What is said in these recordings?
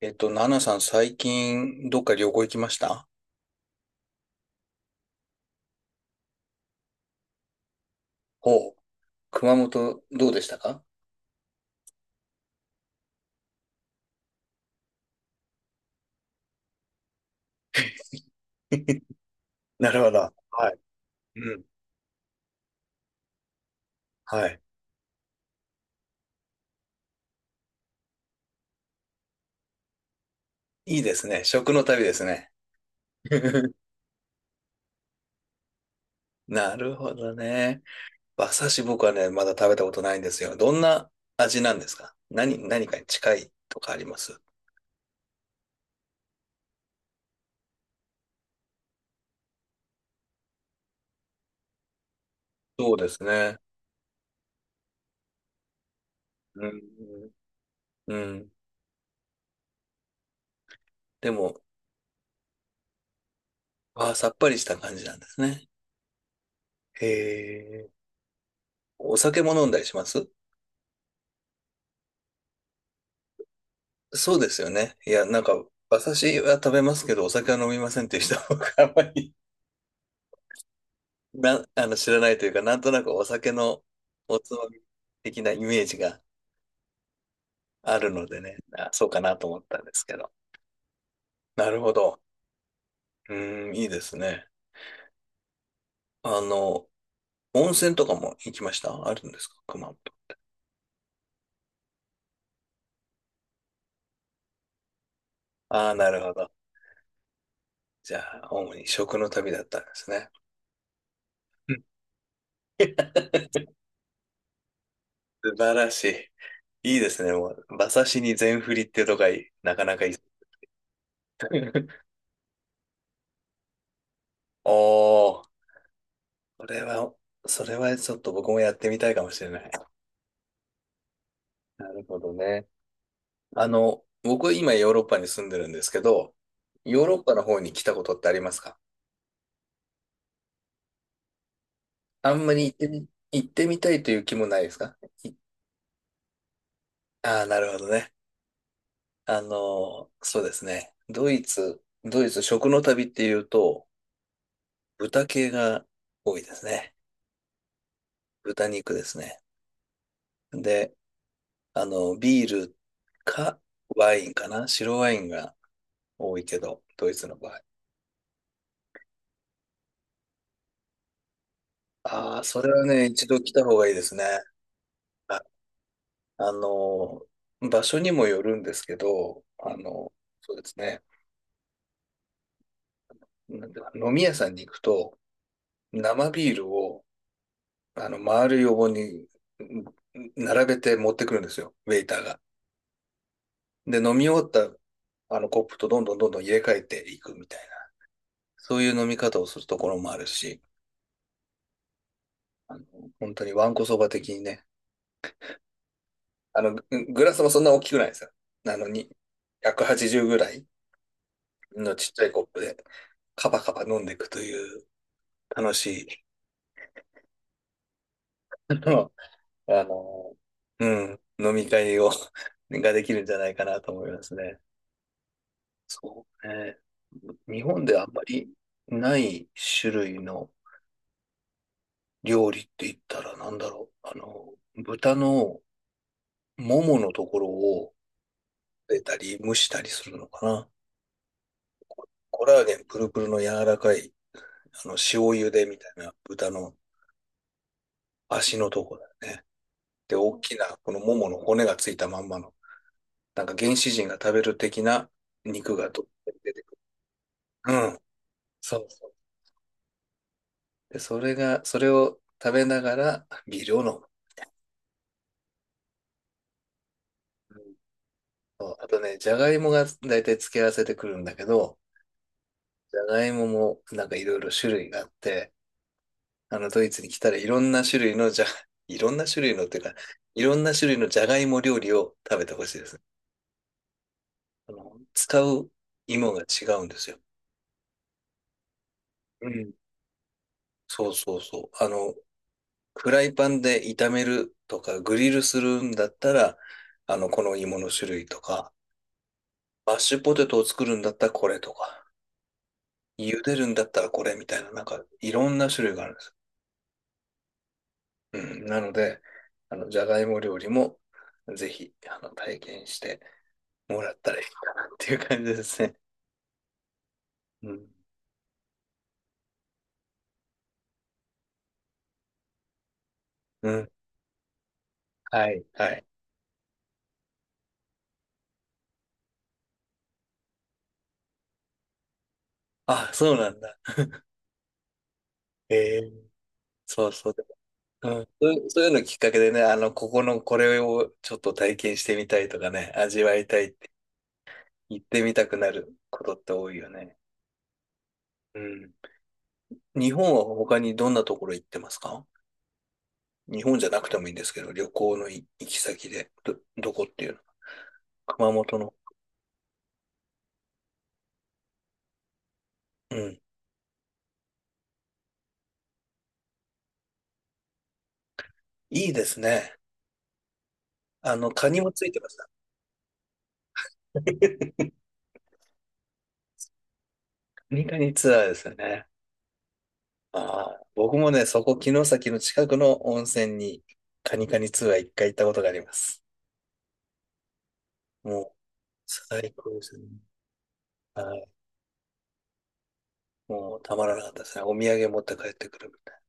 ナナさん、最近、どっか旅行行きましたほう。熊本、どうでしたかなるほど。はい。うん。はい。いいですね。食の旅ですね。なるほどね。馬刺し僕はね、まだ食べたことないんですよ。どんな味なんですか何、何かに近いとかありますそうですね。うん。うん。でも、あー、さっぱりした感じなんですね。へえ。お酒も飲んだりしますそうですよね。いや、なんか、私は食べますけど、お酒は飲みませんっていう人僕あんまりあの、知らないというか、なんとなくお酒のおつまみ的なイメージがあるのでね、あ、そうかなと思ったんですけど。なるほど。うーん、いいですね。あの、温泉とかも行きましたあるんですか熊本。ああ、なるほど。じゃあ、主に食の旅だったんですね。うん 素晴らしい。いいですね。バサシに全振りってとかいなかなかいい。おー。それは、それはちょっと僕もやってみたいかもしれない。なるほどね。あの、僕今ヨーロッパに住んでるんですけど、ヨーロッパの方に来たことってありますかあんまり行ってみたいという気もないですかいああ、なるほどね。あの、そうですね。ドイツ食の旅っていうと、豚系が多いですね。豚肉ですね。で、あの、ビールかワインかな白ワインが多いけど、ドイツの場合。ああ、それはね、一度来た方がいいですね。あ、あの、場所にもよるんですけど、あの、そうですね。なんだ飲み屋さんに行くと、生ビールを、あの、丸い横にうん並べて持ってくるんですよ、ウェイターが。で、飲み終わった、あの、コップとどんどんどんどん入れ替えていくみたいな、そういう飲み方をするところもあるし、あの、本当にわんこそば的にね、あの、グラスもそんな大きくないですよ。あの、に180ぐらい。のちっちゃいコップでカバカバ飲んでいくという楽しい、あの、あのうん、飲み会を ができるんじゃないかなと思いますね。そうね。日本であんまりない種類の料理って言ったらなんだろう。あの、豚のもものところを出たり蒸したりするのかな。コラーゲンプルプルの柔らかい、あの、塩茹でみたいな豚の足のとこだよね。で、大きな、このももの骨がついたまんまの、なんか原始人が食べる的な肉がどっと出てくる。うん。そうそう。で、それが、それを食べながらビールを飲む。うんそうあとね、じゃがいもが大体付け合わせてくるんだけど、じゃがいももなんかいろいろ種類があって、あのドイツに来たらいろんな種類のじゃ、いろんな種類のっていうか、いろんな種類のじゃがいも料理を食べてほしいです。あの、使う芋が違うんですよ。うん。そう。あの、フライパンで炒めるとか、グリルするんだったら、あの、この芋の種類とか、マッシュポテトを作るんだったらこれとか、茹でるんだったらこれみたいな、なんかいろんな種類があるんです。うん。なので、あの、じゃがいも料理もぜひ、あの、体験してもらったらいいかなっていう感じですね。うん。うん。はい。はい。あ、そうなんだ。ええそうそう。うん、そういうのきっかけでね、あの、ここのこれをちょっと体験してみたいとかね、味わいたい行ってみたくなることって多いよね。うん。日本は他にどんなところ行ってますか日本じゃなくてもいいんですけど、旅行の行き先で、どこっていうの熊本の。うん。いいですね。あの、カニもついてました。カニカニツアーですよね。ああ、僕もね、そこ、城崎の近くの温泉に、カニカニツアー一回行ったことがあります。もう、最高ですね。はい。もう、たまらなかったですね。お土産持って帰ってくるみたい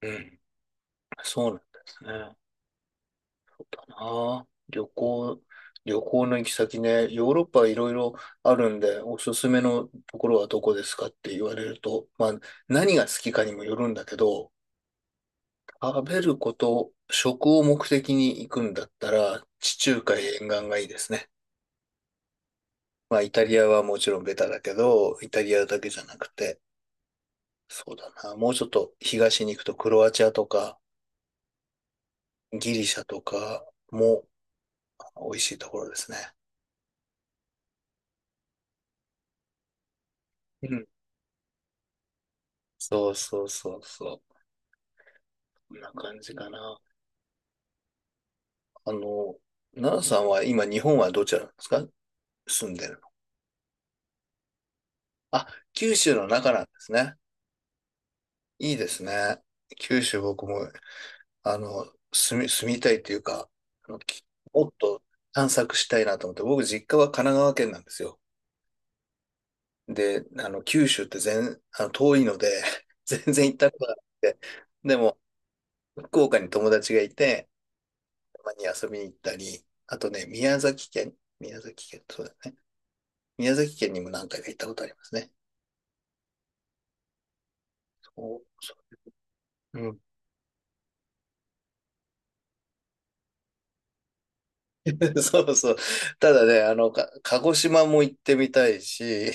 な。うん。そうなんですね。ああ、旅行、旅行の行き先ね、ヨーロッパいろいろあるんで、おすすめのところはどこですかって言われると、まあ、何が好きかにもよるんだけど、食べること、食を目的に行くんだったら、地中海沿岸がいいですね。まあ、イタリアはもちろんベタだけど、イタリアだけじゃなくて、そうだな、もうちょっと東に行くとクロアチアとか、ギリシャとかも美味しいところですね。うん。そう。こんな感じかな。あの、奈良さんは今日本はどちらなんですか住んでるの。あ、九州の中なんですね。いいですね。九州僕も、あの、住みたいっていうか、あの、もっと探索したいなと思って、僕実家は神奈川県なんですよ。で、あの、九州って全、あの、遠いので、全然行ったことがなくて、でも、福岡に友達がいて、たまに遊びに行ったり、あとね、宮崎県、そうだね。宮崎県にも何回か行ったことありますね。そううん そうそう。ただね、あの、鹿児島も行ってみたいし、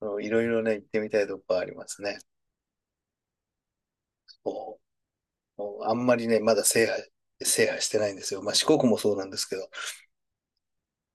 いろいろね、行ってみたいとこありますね。そうもうあんまりね、まだ制覇してないんですよ。まあ、四国もそうなんですけど、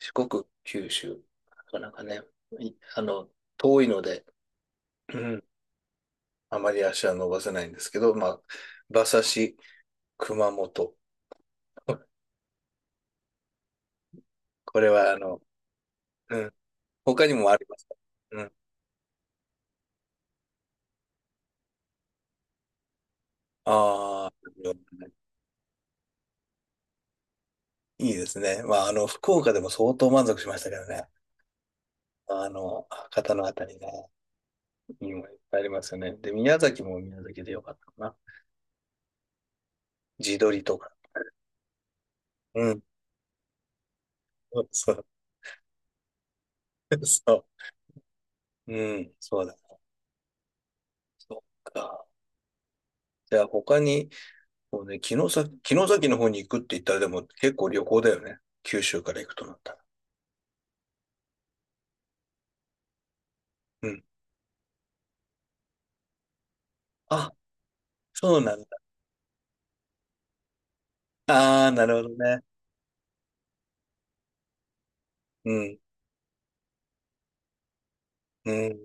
四国、九州、なかなかね、あの、遠いので、うんあまり足は伸ばせないんですけど、まあ、馬刺し、熊本。これは、あの、うん、他にもあります。うんああ、いいですね。まあ、あの、福岡でも相当満足しましたけどね。まあの、博多のあたりね、いいもんいっぱいありますよね。で、宮崎も宮崎でよかったかな。地鶏とか。うん。そう。そう。うん。そうだ。そっか。じゃあ、他に、こうね、城崎の方に行くって言ったら、でも結構旅行だよね。九州から行くとなったら。うん。あ、そうなんだ。ああ、なるほどね。うん。うん。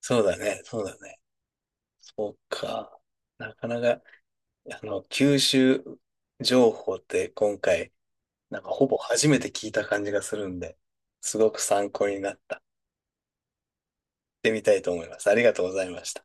そうだね。そうだね。そうか。なかなか。あの、吸収情報って今回、なんかほぼ初めて聞いた感じがするんで、すごく参考になった。やってみたいと思います。ありがとうございました。